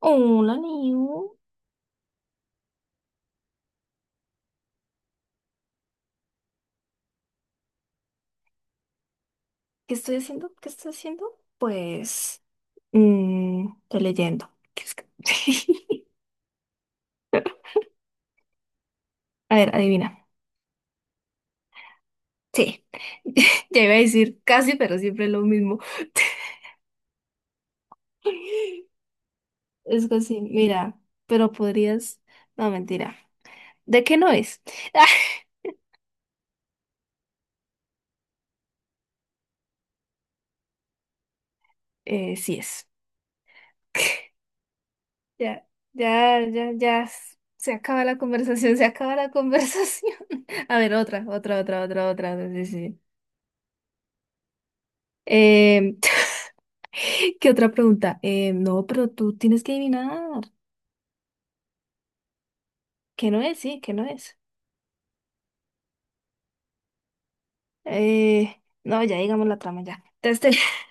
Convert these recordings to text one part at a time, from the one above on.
Hola, Niu. ¿Qué estoy haciendo? ¿Qué estoy haciendo? Pues, estoy leyendo. A ver, adivina. Sí, ya iba a decir casi, pero siempre lo mismo. Es casi, mira, pero podrías... No, mentira. ¿De qué no es? Sí es. Ya, ya, ya, ya. Se acaba la conversación, se acaba la conversación. A ver, otra, otra, otra, otra, otra. Sí, sí. Eh, ¿Qué otra pregunta? No, pero tú tienes que adivinar. ¿Qué no es? Sí, ¿qué no es? No, ya digamos la trama ya.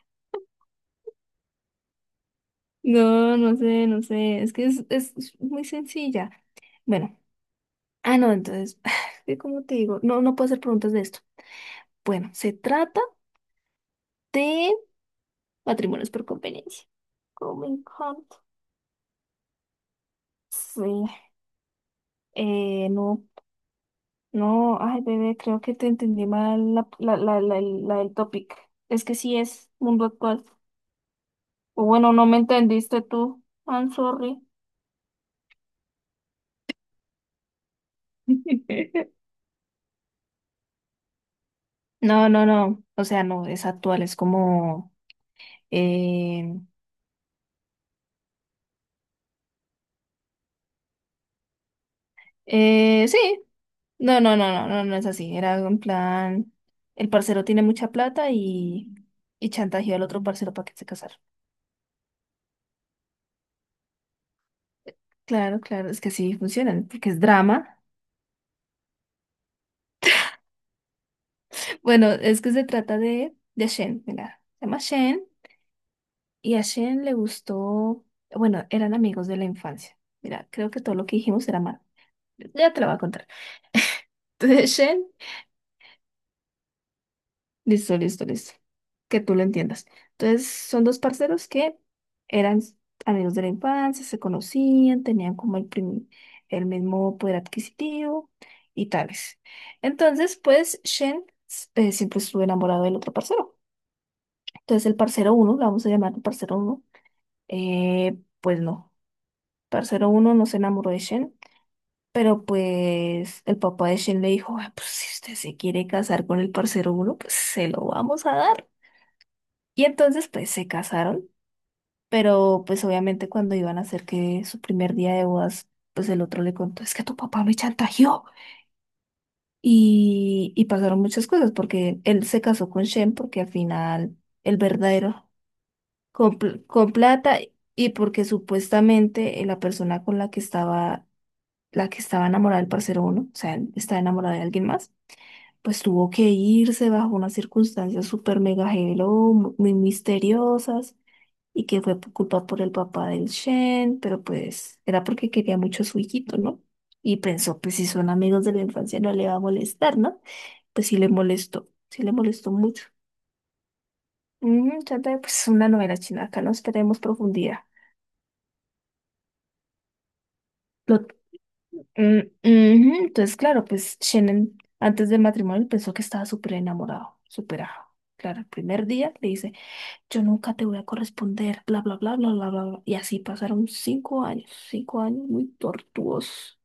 No, no sé, no sé. Es que es muy sencilla. Bueno, no, entonces, ¿qué ¿cómo te digo? No, no puedo hacer preguntas de esto. Bueno, se trata de matrimonios por conveniencia. Oh, me encanta. Sí. No, no, ay, bebé, creo que te entendí mal la del topic. Es que sí es mundo actual. O bueno, no me entendiste tú. I'm sorry. No, no, no. O sea, no, es actual, es como... Eh, sí. No, no, no, no, no, no es así. Era algo en plan, el parcero tiene mucha plata y chantajeó al otro parcero para que se casara. Claro, claro, es que sí funcionan, porque es drama. Bueno, es que se trata de Shen, mira, se llama Shen y a Shen le gustó, bueno, eran amigos de la infancia. Mira, creo que todo lo que dijimos era mal. Ya te lo voy a contar. Entonces, Shen, listo, listo, listo. Que tú lo entiendas. Entonces, son dos parceros que eran amigos de la infancia, se conocían, tenían como el mismo poder adquisitivo y tales. Entonces, pues, Shen siempre estuvo enamorado del otro parcero. Entonces, el parcero uno, lo vamos a llamar el parcero uno, pues no. Parcero uno no se enamoró de Shen. Pero pues el papá de Shen le dijo, "Ay, pues si usted se quiere casar con el parcero uno, pues se lo vamos a dar. Y entonces pues se casaron, pero pues obviamente cuando iban a hacer que su primer día de bodas, pues el otro le contó, es que tu papá me chantajeó. Y pasaron muchas cosas porque él se casó con Shen porque al final el verdadero con plata y porque supuestamente la persona con la que estaba enamorada del parcero uno, o sea, está enamorada de alguien más, pues tuvo que irse bajo unas circunstancias súper mega hello, muy misteriosas, y que fue por culpa por el papá del Shen, pero pues era porque quería mucho a su hijito, ¿no? Y pensó, pues si son amigos de la infancia no le va a molestar, ¿no? Pues sí le molestó mucho. Trata de, pues una novela china, acá no esperemos profundidad. Lo- mm, ujú. Entonces, claro, pues Shen antes del matrimonio pensó que estaba súper enamorado, superado. Claro, el primer día le dice, yo nunca te voy a corresponder, bla, bla, bla, bla, bla, bla, bla. Y así pasaron 5 años, 5 años muy tortuosos.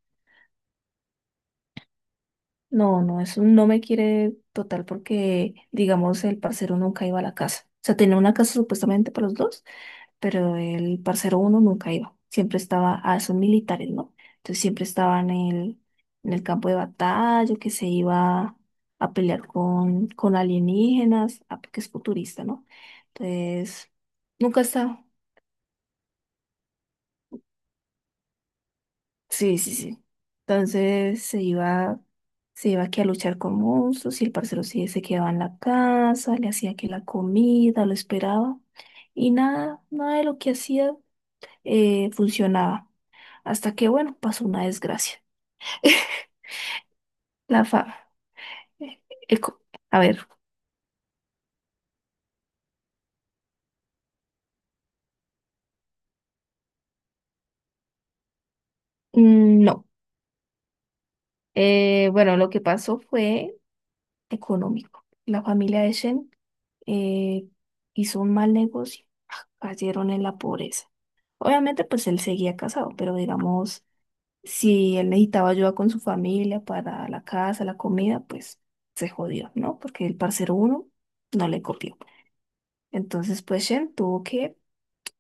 No, no, eso no me quiere total porque, digamos, el parcero nunca iba a la casa. O sea, tenía una casa supuestamente para los dos, pero el parcero uno nunca iba. Siempre estaba, ah, son militares, ¿no? Entonces siempre estaba en el, campo de batalla, o que se iba a pelear con alienígenas, ah, porque es futurista, ¿no? Entonces, nunca estaba. Sí, sí, sí. Entonces se iba aquí a luchar con monstruos y el parcero sí se quedaba en la casa, le hacía que la comida, lo esperaba y nada, nada de lo que hacía funcionaba. Hasta que, bueno, pasó una desgracia. La fa... eco- A ver, mm, no. Bueno, lo que pasó fue económico. La familia de Shen eh, hizo un mal negocio, cayeron en la pobreza. Obviamente, pues él seguía casado, pero digamos, si él necesitaba ayuda con su familia para la casa, la comida, pues se jodió, ¿no? Porque el parcero uno no le copió. Entonces, pues Shen tuvo que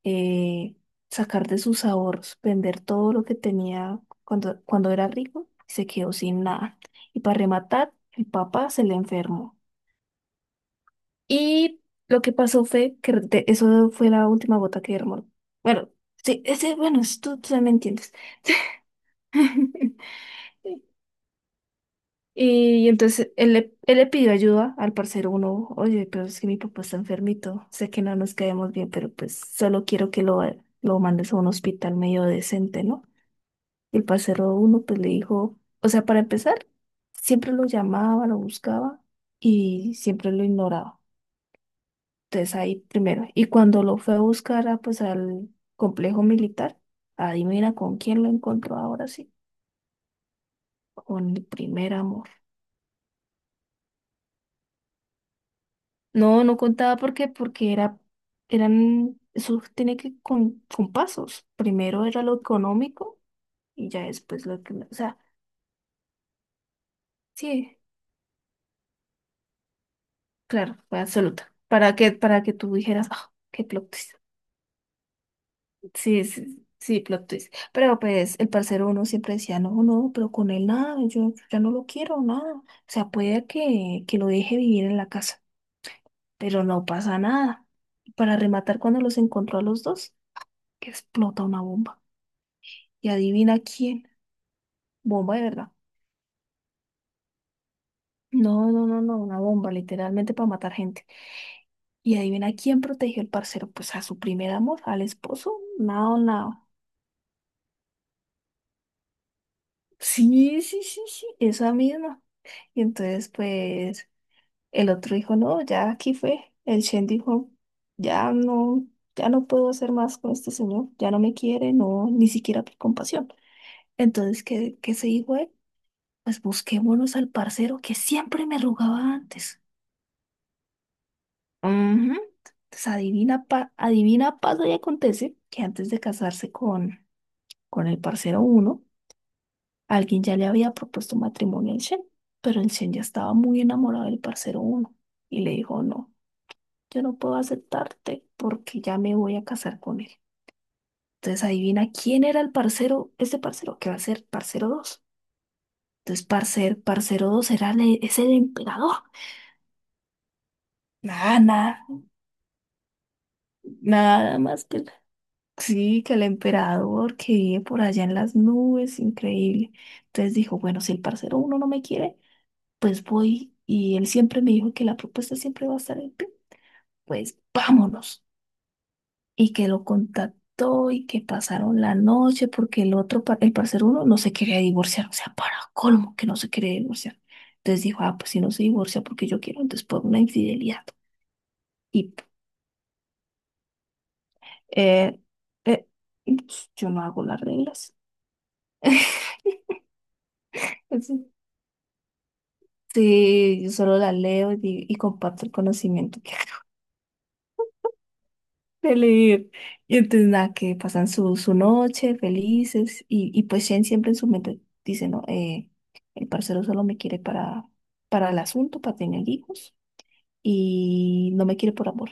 eh, sacar de sus ahorros, vender todo lo que tenía cuando era rico y se quedó sin nada. Y para rematar, el papá se le enfermó. Y lo que pasó fue que eso fue la última gota que derramó. Bueno, sí, ese, bueno, tú me entiendes. Y entonces él le pidió ayuda al parcero uno, oye, pero es que mi papá está enfermito, sé que no nos caemos bien, pero pues solo quiero que lo mandes a un hospital medio decente, ¿no? Y el parcero uno pues le dijo, o sea, para empezar, siempre lo llamaba, lo buscaba y siempre lo ignoraba. Entonces ahí primero, y cuando lo fue a buscar a, pues al complejo militar, adivina con quién lo encontró ahora sí, con el primer amor. No, no contaba porque, era, eran, eso tiene que con pasos. Primero era lo económico y ya después lo que, o sea, sí, claro, fue absoluta. Para que tú dijeras, ah, qué plot twist. Sí, sí, sí, plot twist. Pero pues el parcero uno siempre decía, no, no, pero con él nada, yo ya no lo quiero, nada. O sea, puede que lo deje vivir en la casa, pero no pasa nada. Para rematar, cuando los encontró a los dos, que explota una bomba. Y adivina quién. Bomba de verdad. No, no, no, no, una bomba, literalmente para matar gente. Y adivina quién protegió el parcero. Pues a su primer amor, al esposo. Nada, nada. Sí, sí, sí, sí, esa misma. Y entonces, pues, el otro dijo, no, ya aquí fue. El Shen dijo, ya no, ya no puedo hacer más con este señor. Ya no me quiere, no, ni siquiera por compasión. Entonces, ¿qué se dijo él? Pues busquémonos al parcero que siempre me rogaba antes. Ujú. Entonces adivina, adivina, pasa y acontece que antes de casarse con el parcero uno, alguien ya le había propuesto matrimonio al Shen, pero el Shen ya estaba muy enamorado del parcero uno y le dijo, no, yo no puedo aceptarte porque ya me voy a casar con él. Entonces adivina quién era el parcero, ese parcero, que va a ser parcero dos. Entonces parcero dos era el, es el emperador. Nada, nada, nada más que sí, que el emperador que vive por allá en las nubes, increíble. Entonces dijo, bueno, si el parcero uno no me quiere, pues voy. Y él siempre me dijo que la propuesta siempre va a estar en pie. Pues vámonos. Y que lo contactó y que pasaron la noche porque el otro, el parcero uno no se quería divorciar. O sea, para colmo que no se quería divorciar. Entonces dijo, ah, pues si no se divorcia porque yo quiero, entonces por una infidelidad. Y eh, eh, yo no hago las reglas. Sí, yo solo la leo y comparto el conocimiento que acabo de leer. Y entonces nada, que pasan su, noche felices y pues Shen siempre en su mente dice, no, el parcero solo me quiere para el asunto, para tener hijos y no me quiere por amor.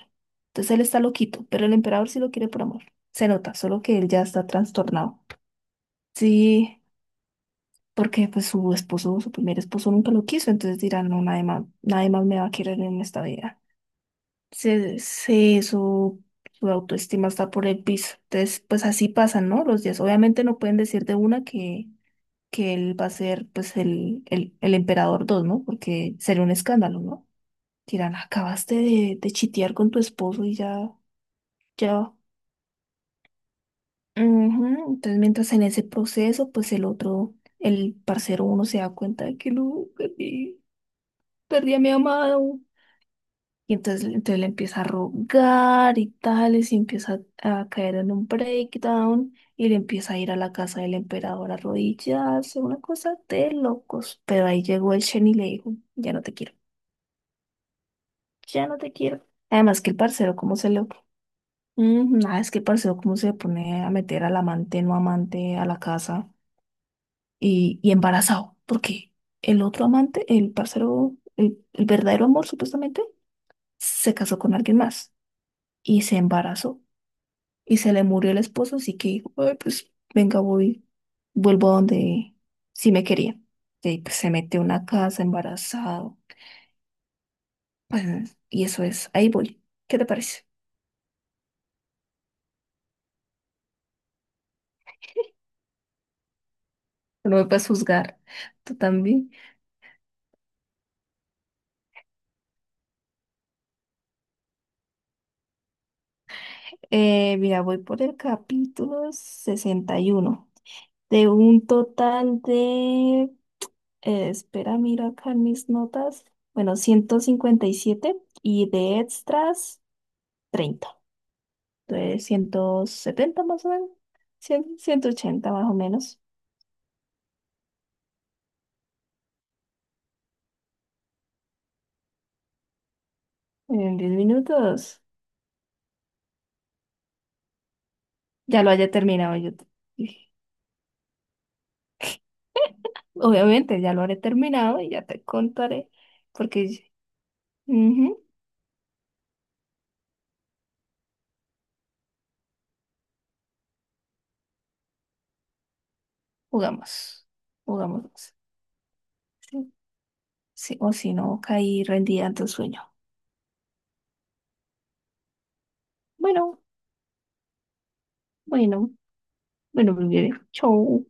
Entonces él está loquito, pero el emperador sí lo quiere por amor. Se nota, solo que él ya está trastornado. Sí, porque pues su esposo, su primer esposo nunca lo quiso, entonces dirán, no, nadie más, nadie más me va a querer en esta vida. se, se- su, su autoestima está por el piso. Entonces, pues así pasan, ¿no? Los días. Obviamente no pueden decir de una que él va a ser pues el emperador dos, ¿no? Porque sería un escándalo, ¿no? Dirán, acabaste de chitear con tu esposo y ya, ya. Ujú. Entonces, mientras en ese proceso, pues el otro, el parcero uno se da cuenta de que no, perdí, perdí a mi amado. Y entonces, le empieza a rogar y tales, y empieza a caer en un breakdown, y le empieza a ir a la casa del emperador a arrodillarse, una cosa de locos. Pero ahí llegó el Shen y le dijo, ya no te quiero, ya no te quiero. Además que el parcero, ¿cómo se le... nada, es que el parcero, ¿cómo se le pone a meter al amante, no amante, a la casa y embarazado? Porque el otro amante, el parcero, el verdadero amor supuestamente, se casó con alguien más y se embarazó. Y se le murió el esposo, así que dijo, "Ay, pues venga, voy, vuelvo a donde sí me quería. Y pues se metió en una casa embarazado. Pues, y eso es, ahí voy. ¿Qué te parece? No me puedes juzgar, tú también. Mira, voy por el capítulo 61 de un total de, espera, miro acá en mis notas, bueno, 157 y de extras 30, de 170 más o menos, 100, 180 más o menos. En 10 minutos, ya lo haya terminado. Obviamente ya lo haré terminado y ya te contaré, porque ujú, jugamos, jugamos. Sí, sí, o si no, caí rendida ante el sueño. Bueno, bueno, bueno, mi bebé, chau.